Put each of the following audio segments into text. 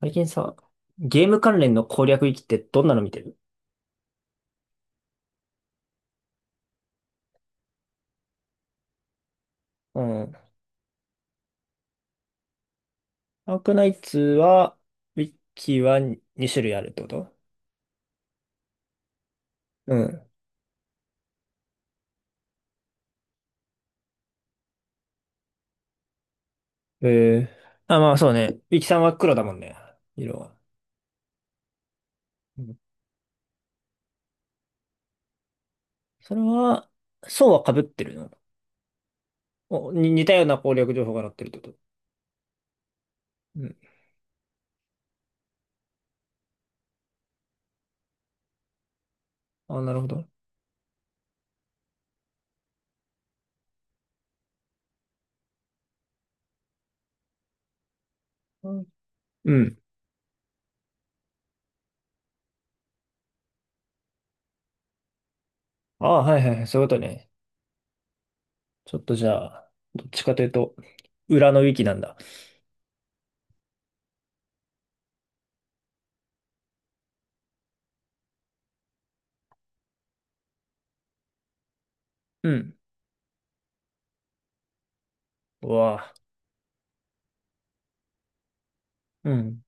最近さ、ゲーム関連の攻略ウィキってどんなの見てる？うん。アークナイツは、ウィキは2種類あるってこと？うん。えあ、まあそうね。ウィキさんは黒だもんね。色は。うん。それは、層は被ってるの？に似たような攻略情報が載ってるってこと？うん。あ、なるほど。うんうん。あ、はいはいはい。そういうことね。ちょっとじゃあ、どっちかというと、裏のウィキなんだ。うん。うわあ。うん。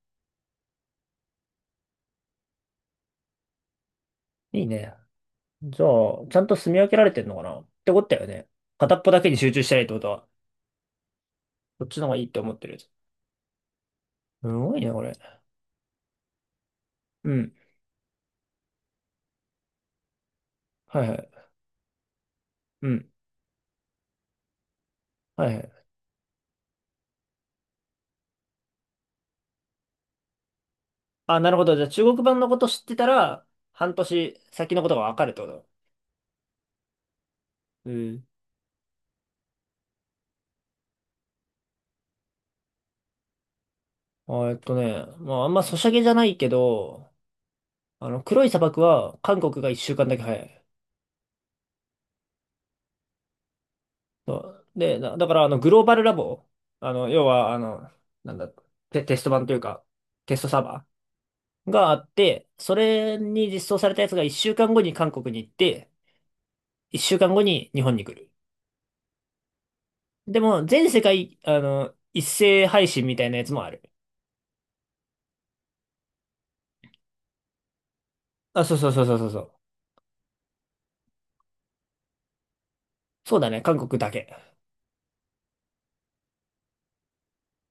いいね。じゃあ、ちゃんと住み分けられてんのかなってことだよね。片っぽだけに集中してないってことは、こっちの方がいいって思ってるやつ。すごいね、これ。うん。はいはい。うん。はいはい。あ、なるほど。じゃあ、中国版のこと知ってたら、半年先のことがわかるってこと？うん。あ、まあ、あんまソシャゲじゃないけど、黒い砂漠は韓国が一週間だけ早い。そうで、だから、グローバルラボ、要は、あの、なんだ、テスト版というか、テストサーバーがあって、それに実装されたやつが1週間後に韓国に行って、1週間後に日本に来る。でも、全世界、一斉配信みたいなやつもある。あ、そうそうそうそうそうそう。そうだね、韓国だけ。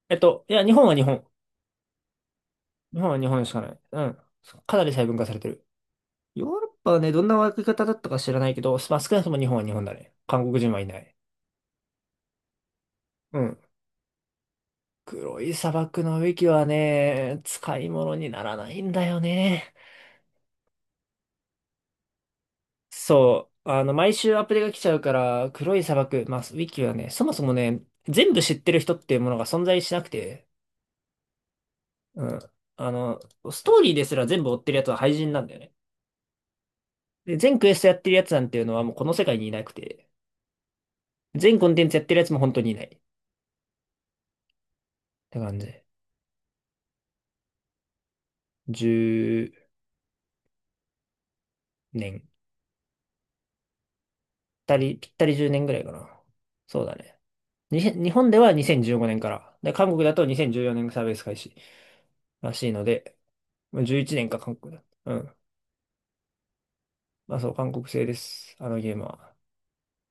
いや、日本は日本。日本は日本しかない。うん。かなり細分化されてる。ヨーロッパはね、どんな分け方だったか知らないけど、まあ、少なくとも日本は日本だね。韓国人はいない。うん。黒い砂漠のウィキはね、使い物にならないんだよね。そう、毎週アップデが来ちゃうから、黒い砂漠、まあ、ウィキはね、そもそもね、全部知ってる人っていうものが存在しなくて、うん。あの、ストーリーですら全部追ってるやつは廃人なんだよね。で、全クエストやってるやつなんていうのはもうこの世界にいなくて、全コンテンツやってるやつも本当にいない。って感じ。10年。ぴったり10年ぐらいかな。そうだね。にへん日本では2015年から。で、韓国だと2014年サービス開始らしいので、まあ11年か韓国だ。うん。まあそう、韓国製です。あのゲームは。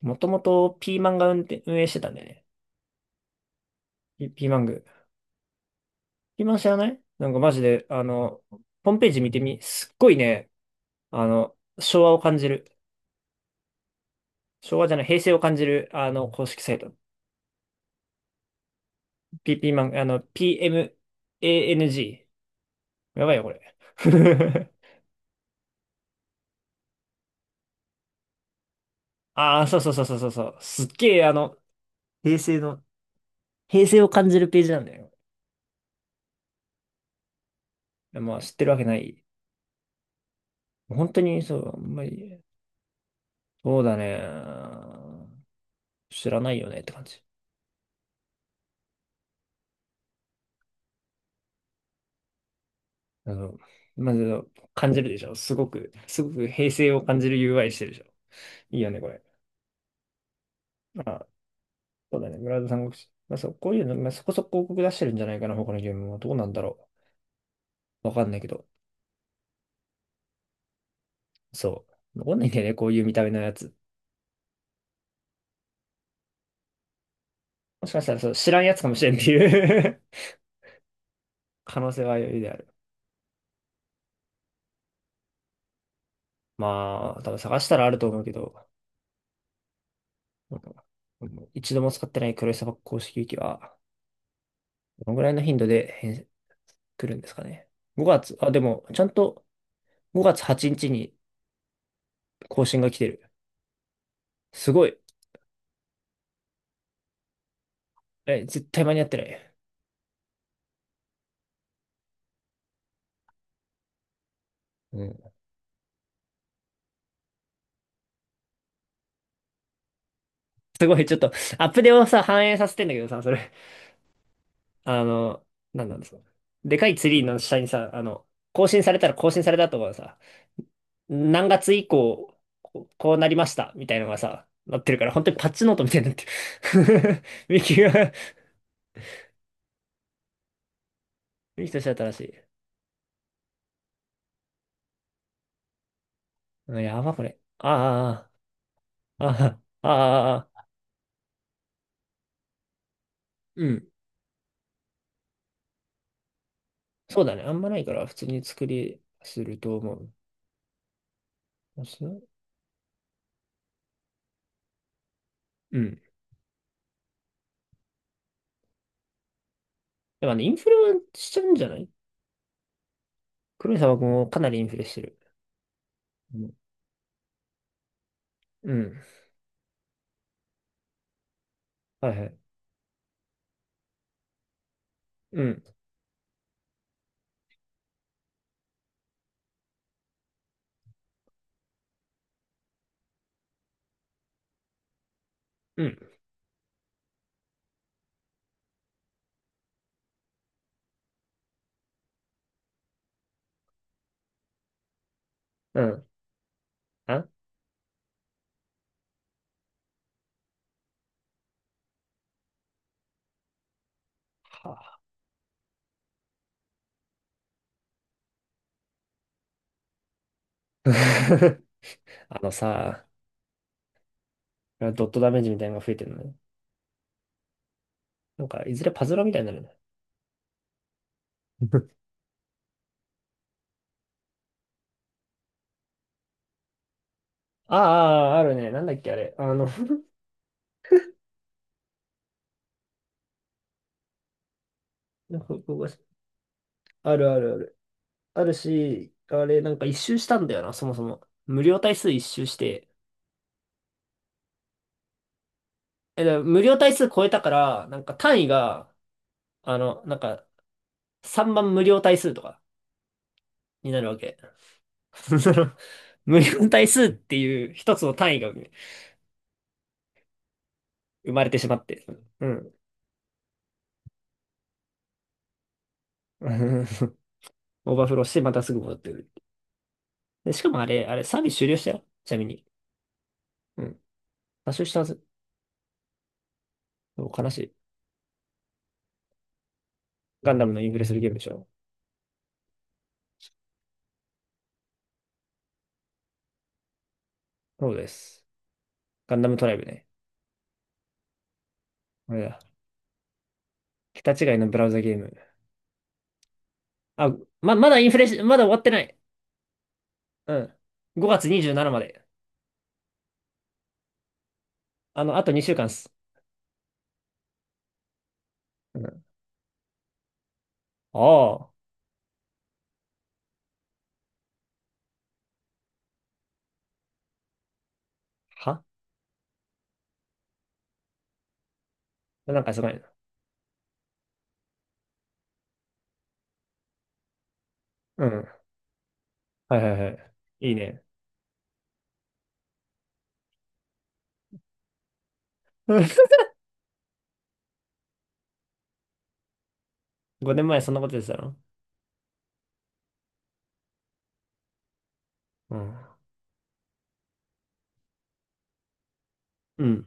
もともとピーマンが運転、運営してたんだよね。ピーマング。ピーマン知らない？なんかマジで、ホームページ見てみ、すっごいね、昭和を感じる。昭和じゃない、平成を感じる、公式サイト。ピーマン、PMANG。やばいよ、これ。ああ、そうそうそうそうそうそう。すっげえ、平成の、平成を感じるページなんだよ。まあ、知ってるわけない。本当に、そう、あんまり、そうだね。知らないよねって感じ。あの、まず、感じるでしょ。すごく、すごく平成を感じる UI してるでしょ。いいよね、これ。あ、そうだね。ブラウザ三国志。まあ、そう、こういうの、まあ、そこそこ広告出してるんじゃないかな、他のゲームは。どうなんだろう。わかんないけど。そう。わかんないんだよね、こういう見た目のやつ。もしかしたら、そう、知らんやつかもしれんっていう 可能性は余裕である。まあ、多分探したらあると思うけど、うん。一度も使ってない黒い砂漠公式ウィキは、どのぐらいの頻度で来るんですかね。5月、あ、でも、ちゃんと、5月8日にちに更新が来てる。すごい。え、絶対間に合ってない。うん。すごい、ちょっと、アップデートをさ、反映させてんだけどさ、それ。あの、なんなんですか。でかいツリーの下にさ、更新されたら更新されたとかさ、何月以降、こうこうなりました、みたいなのがさ、なってるから、本当にパッチノートみたいになってる。ミキが、ミキとしては正しい。うん、やば、これ。ああ、ああ、ああ、ああ、うん。そうだね。あんまないから、普通に作りすると思う。あそう。うん。やっぱね、インフレはしちゃうんじゃない？黒い砂漠もかなりインフレしてる。うん。うん、はいはい。うん。うん。うん。あ、はあ。あのさ、ドットダメージみたいなのが増えてるのね。なんか、いずれパズルみたいになるね。ああ、あるね。なんだっけ、あれ。なんかあるあるある。あるし、あれ、なんか一周したんだよな、そもそも。無料体数一周して。え、だから無料体数超えたから、なんか単位が、あの、なんか、3番無料体数とか、になるわけ。その無限対数っていう一つの単位が生まれてしまって。うん。うん オーバーフローしてまたすぐ戻ってくる。で、しかもあれ、サービス終了したよ。ちなみに。うん。多少したはず。そう悲しい。ガンダムのインフレするゲームでしょ。そうです。ガンダムトライブね。これだ。桁違いのブラウザゲーム。あ、まだインフレし、まだ終わってない。うん。5月27まで。あと2週間っす。うん。ああ。はなんかすごいな。うん。はいはいはい。いいね。うん。5年前そんなこと言ってたの？うん。うん。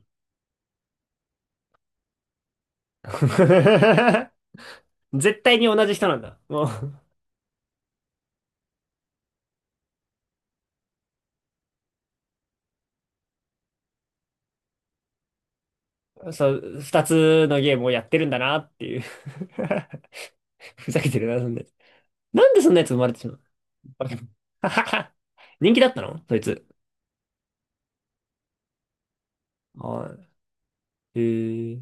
絶対に同じ人なんだ。もう、そう、二つのゲームをやってるんだなっていう ふざけてるな、そんなやつ。なんでそんなやつ生まれてしまうの？ 人気だったのそいつ？はい。へえ。